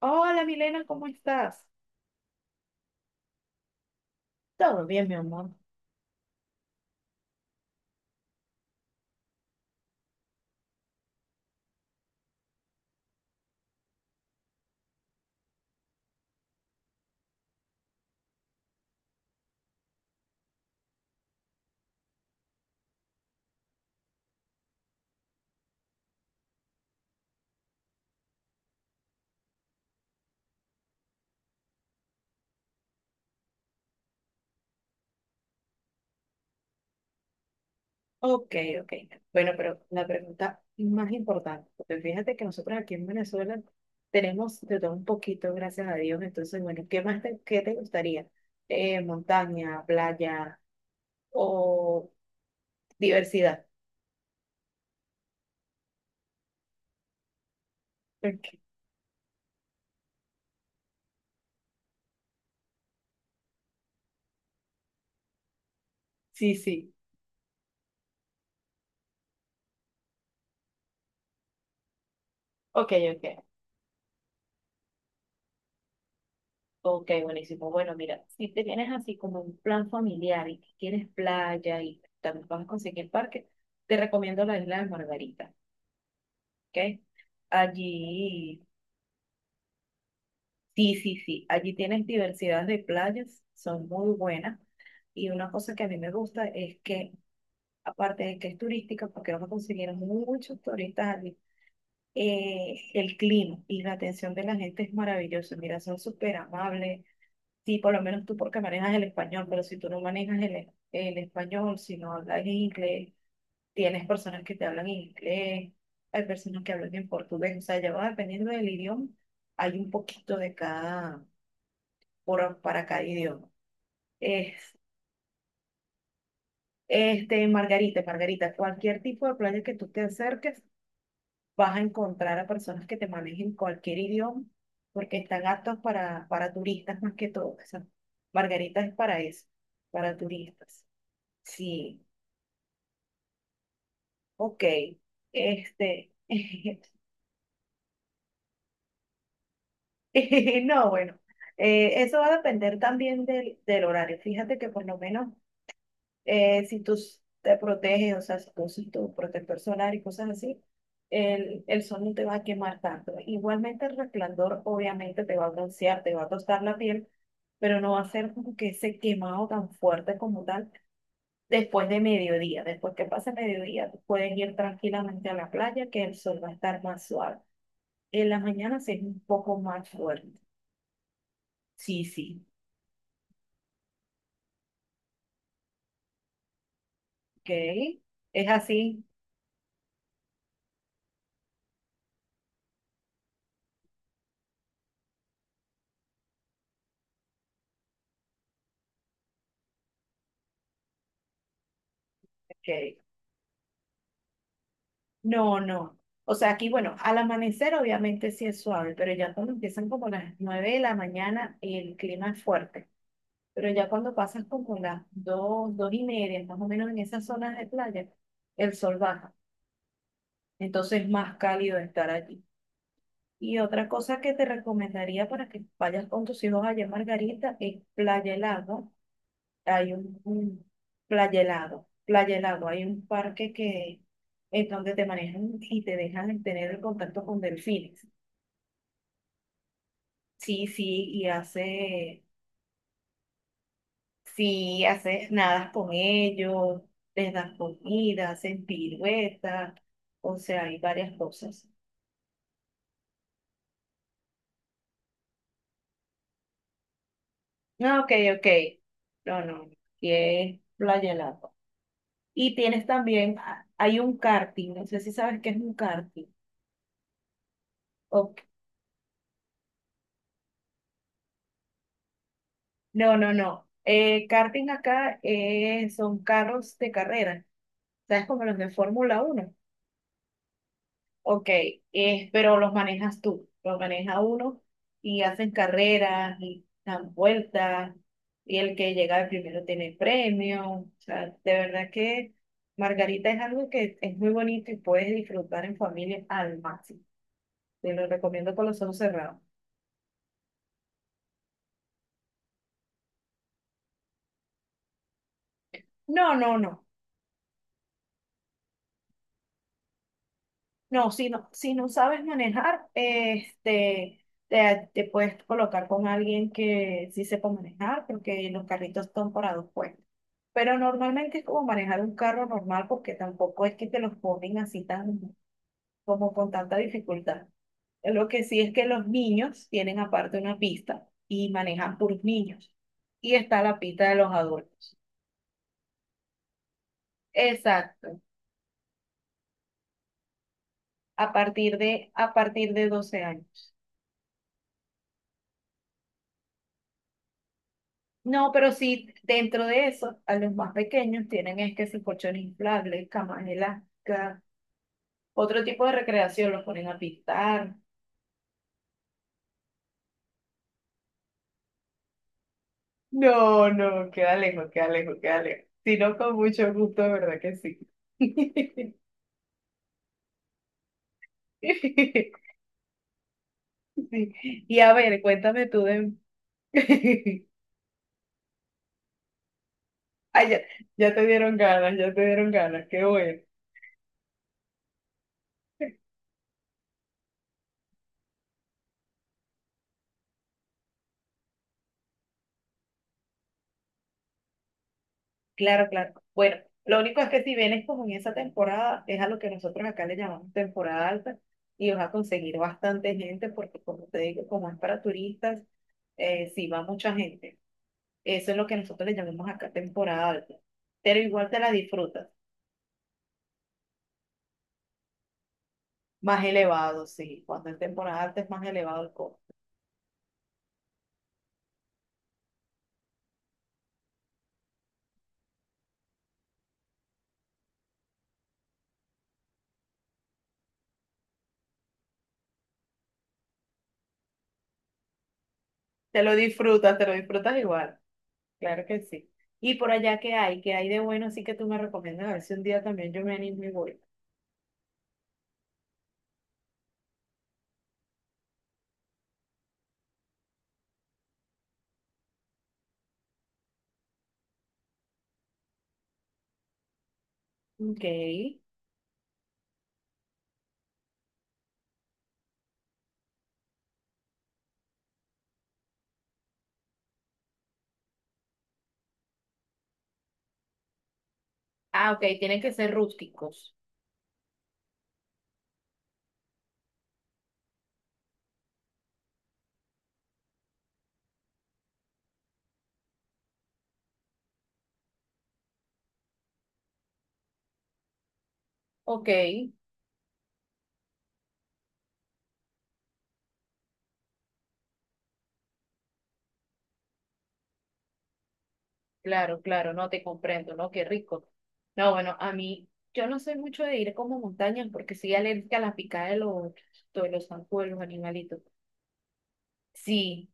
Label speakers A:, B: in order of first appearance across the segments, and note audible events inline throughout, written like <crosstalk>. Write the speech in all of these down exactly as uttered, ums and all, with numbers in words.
A: Hola, Milena, ¿cómo estás? Todo bien, mi amor. Ok, ok. Bueno, pero la pregunta más importante, porque fíjate que nosotros aquí en Venezuela tenemos de todo un poquito, gracias a Dios. Entonces, bueno, ¿qué más te, ¿qué te gustaría? Eh, montaña, playa o diversidad. Ok. Sí, sí. Ok, ok. Ok, buenísimo. Bueno, mira, si te vienes así como un plan familiar y que quieres playa y también vas a conseguir parque, te recomiendo la isla de Margarita. ¿Ok? Allí, sí, sí, sí, allí tienes diversidad de playas, son muy buenas. Y una cosa que a mí me gusta es que, aparte de que es turística, porque vamos a conseguir muchos turistas allí, eh, el clima y la atención de la gente es maravilloso. Mira, son súper amables. Sí, por lo menos tú porque manejas el español, pero si tú no manejas el, el español, si no hablas inglés, tienes personas que te hablan en inglés, hay personas que hablan en portugués, o sea, ya va dependiendo del idioma, hay un poquito de cada, por, para cada idioma. Es, este, Margarita, Margarita, cualquier tipo de playa que tú te acerques, vas a encontrar a personas que te manejen cualquier idioma, porque están aptos para, para turistas más que todo. O sea, Margarita es para eso, para turistas. Sí, ok. Este, <laughs> <laughs> No, bueno, eh, eso va a depender también del, del horario. Fíjate que por lo menos eh, si tú s- te proteges, o sea, si tú usas tu protector solar y cosas así, el, el sol no te va a quemar tanto. Igualmente el resplandor obviamente te va a broncear, te va a tostar la piel, pero no va a ser como que ese quemado tan fuerte como tal después de mediodía. Después que pase mediodía, tú puedes ir tranquilamente a la playa que el sol va a estar más suave. En la mañana sí es un poco más fuerte. Sí, sí. Ok, es así, ok. No, no. O sea, aquí, bueno, al amanecer obviamente sí es suave, pero ya cuando empiezan como las nueve de la mañana, el clima es fuerte. Pero ya cuando pasas como las dos, dos y media, más o menos en esas zonas de playa, el sol baja. Entonces es más cálido estar allí. Y otra cosa que te recomendaría para que vayas con tus hijos allá en Margarita es Playa El Agua, hay un, un playa helado, playa helado, hay un parque que es donde te manejan y te dejan tener el contacto con delfines. Sí, sí, y hace, sí, haces nadas con ellos, les das comida, hacen piruetas, o sea, hay varias cosas. No, ok, ok. No, no, y es playa helado. Y tienes también, ah, hay un karting, no sé si sabes qué es un karting. Ok, no, no, no. Eh, karting acá eh, son carros de carrera, ¿sabes? Como los de Fórmula uno. Ok, eh, pero los manejas tú, los maneja uno y hacen carreras y dan vueltas y el que llega primero tiene premio. O sea, de verdad que Margarita es algo que es muy bonito y puedes disfrutar en familia al máximo. Te lo recomiendo con los ojos cerrados. No, no, no. No, si no, si no sabes manejar, este, te, te puedes colocar con alguien que sí sepa manejar, porque los carritos son para dos puestos. Pero normalmente es como manejar un carro normal, porque tampoco es que te los ponen así tan, como con tanta dificultad. Lo que sí es que los niños tienen aparte una pista y manejan puros niños. Y está la pista de los adultos. Exacto. A partir de, a partir de doce años. No, pero sí, dentro de eso, a los más pequeños tienen es que si colchones inflables, camas elásticas, otro tipo de recreación, los ponen a pintar. No, no, queda lejos, queda lejos, queda lejos. Si no, con mucho gusto, de verdad que sí. <laughs> Sí. Y a ver, cuéntame tú de... <laughs> Ay, ya, ya te dieron ganas, ya te dieron ganas, qué bueno. Claro, claro. Bueno, lo único es que si vienes como en esa temporada, es a lo que nosotros acá le llamamos temporada alta y vas a conseguir bastante gente porque como te digo, como es para turistas, eh, sí va mucha gente. Eso es lo que nosotros le llamamos acá temporada alta. Pero igual te la disfrutas. Más elevado, sí. Cuando es temporada alta es más elevado el costo. Te lo disfrutas, te lo disfrutas igual. Claro que sí. Y por allá, ¿qué hay? ¿Qué hay de bueno? Así que tú me recomiendas a ver si un día también yo me animo y voy. Ok. Ah, ok, tienen que ser rústicos. Ok, claro, claro, no te comprendo, ¿no? Qué rico. No, bueno, a mí, yo no soy mucho de ir como montañas porque soy alérgica a la picada de los, de los zancudos, los animalitos. Sí,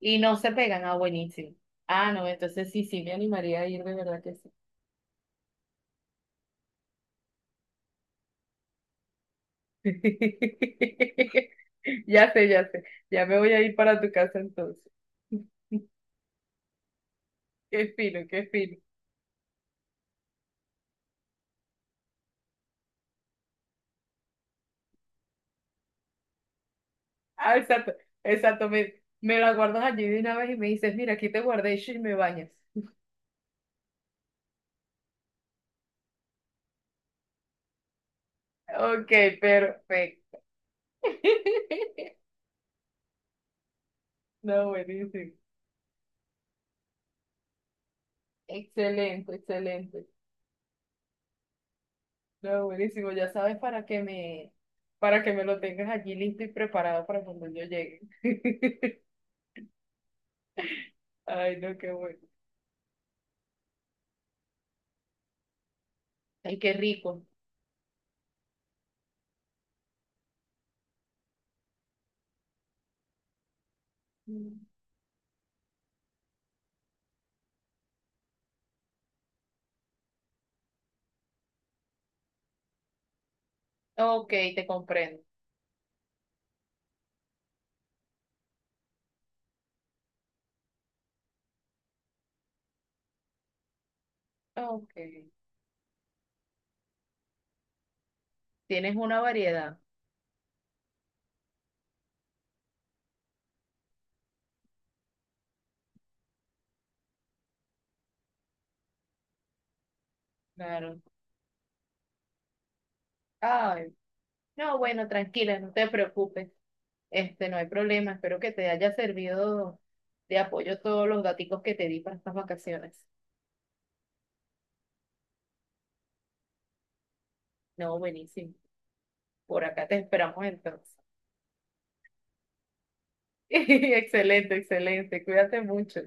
A: y no se pegan, ah, buenísimo. Ah, no, entonces sí, sí, me animaría a ir, de verdad que sí. <laughs> Ya sé, ya sé, ya me voy a ir para tu casa entonces. <laughs> Qué fino, qué fino. Ah, exacto, exacto. Me, me la guardas allí de una vez y me dices, mira, aquí te guardé y shi, me bañas. Ok, perfecto. <laughs> No, buenísimo. Excelente, excelente. No, buenísimo. Ya sabes para que me, para que me lo tengas allí listo y preparado para cuando yo llegue. <laughs> Ay, no, qué bueno. Ay, qué rico. Mm. Ok, te comprendo. Ok. Tienes una variedad. Claro. Ay, no, bueno, tranquila, no te preocupes. Este, no hay problema. Espero que te haya servido de apoyo todos los daticos que te di para estas vacaciones. No, buenísimo. Por acá te esperamos entonces. <laughs> Excelente, excelente. Cuídate mucho.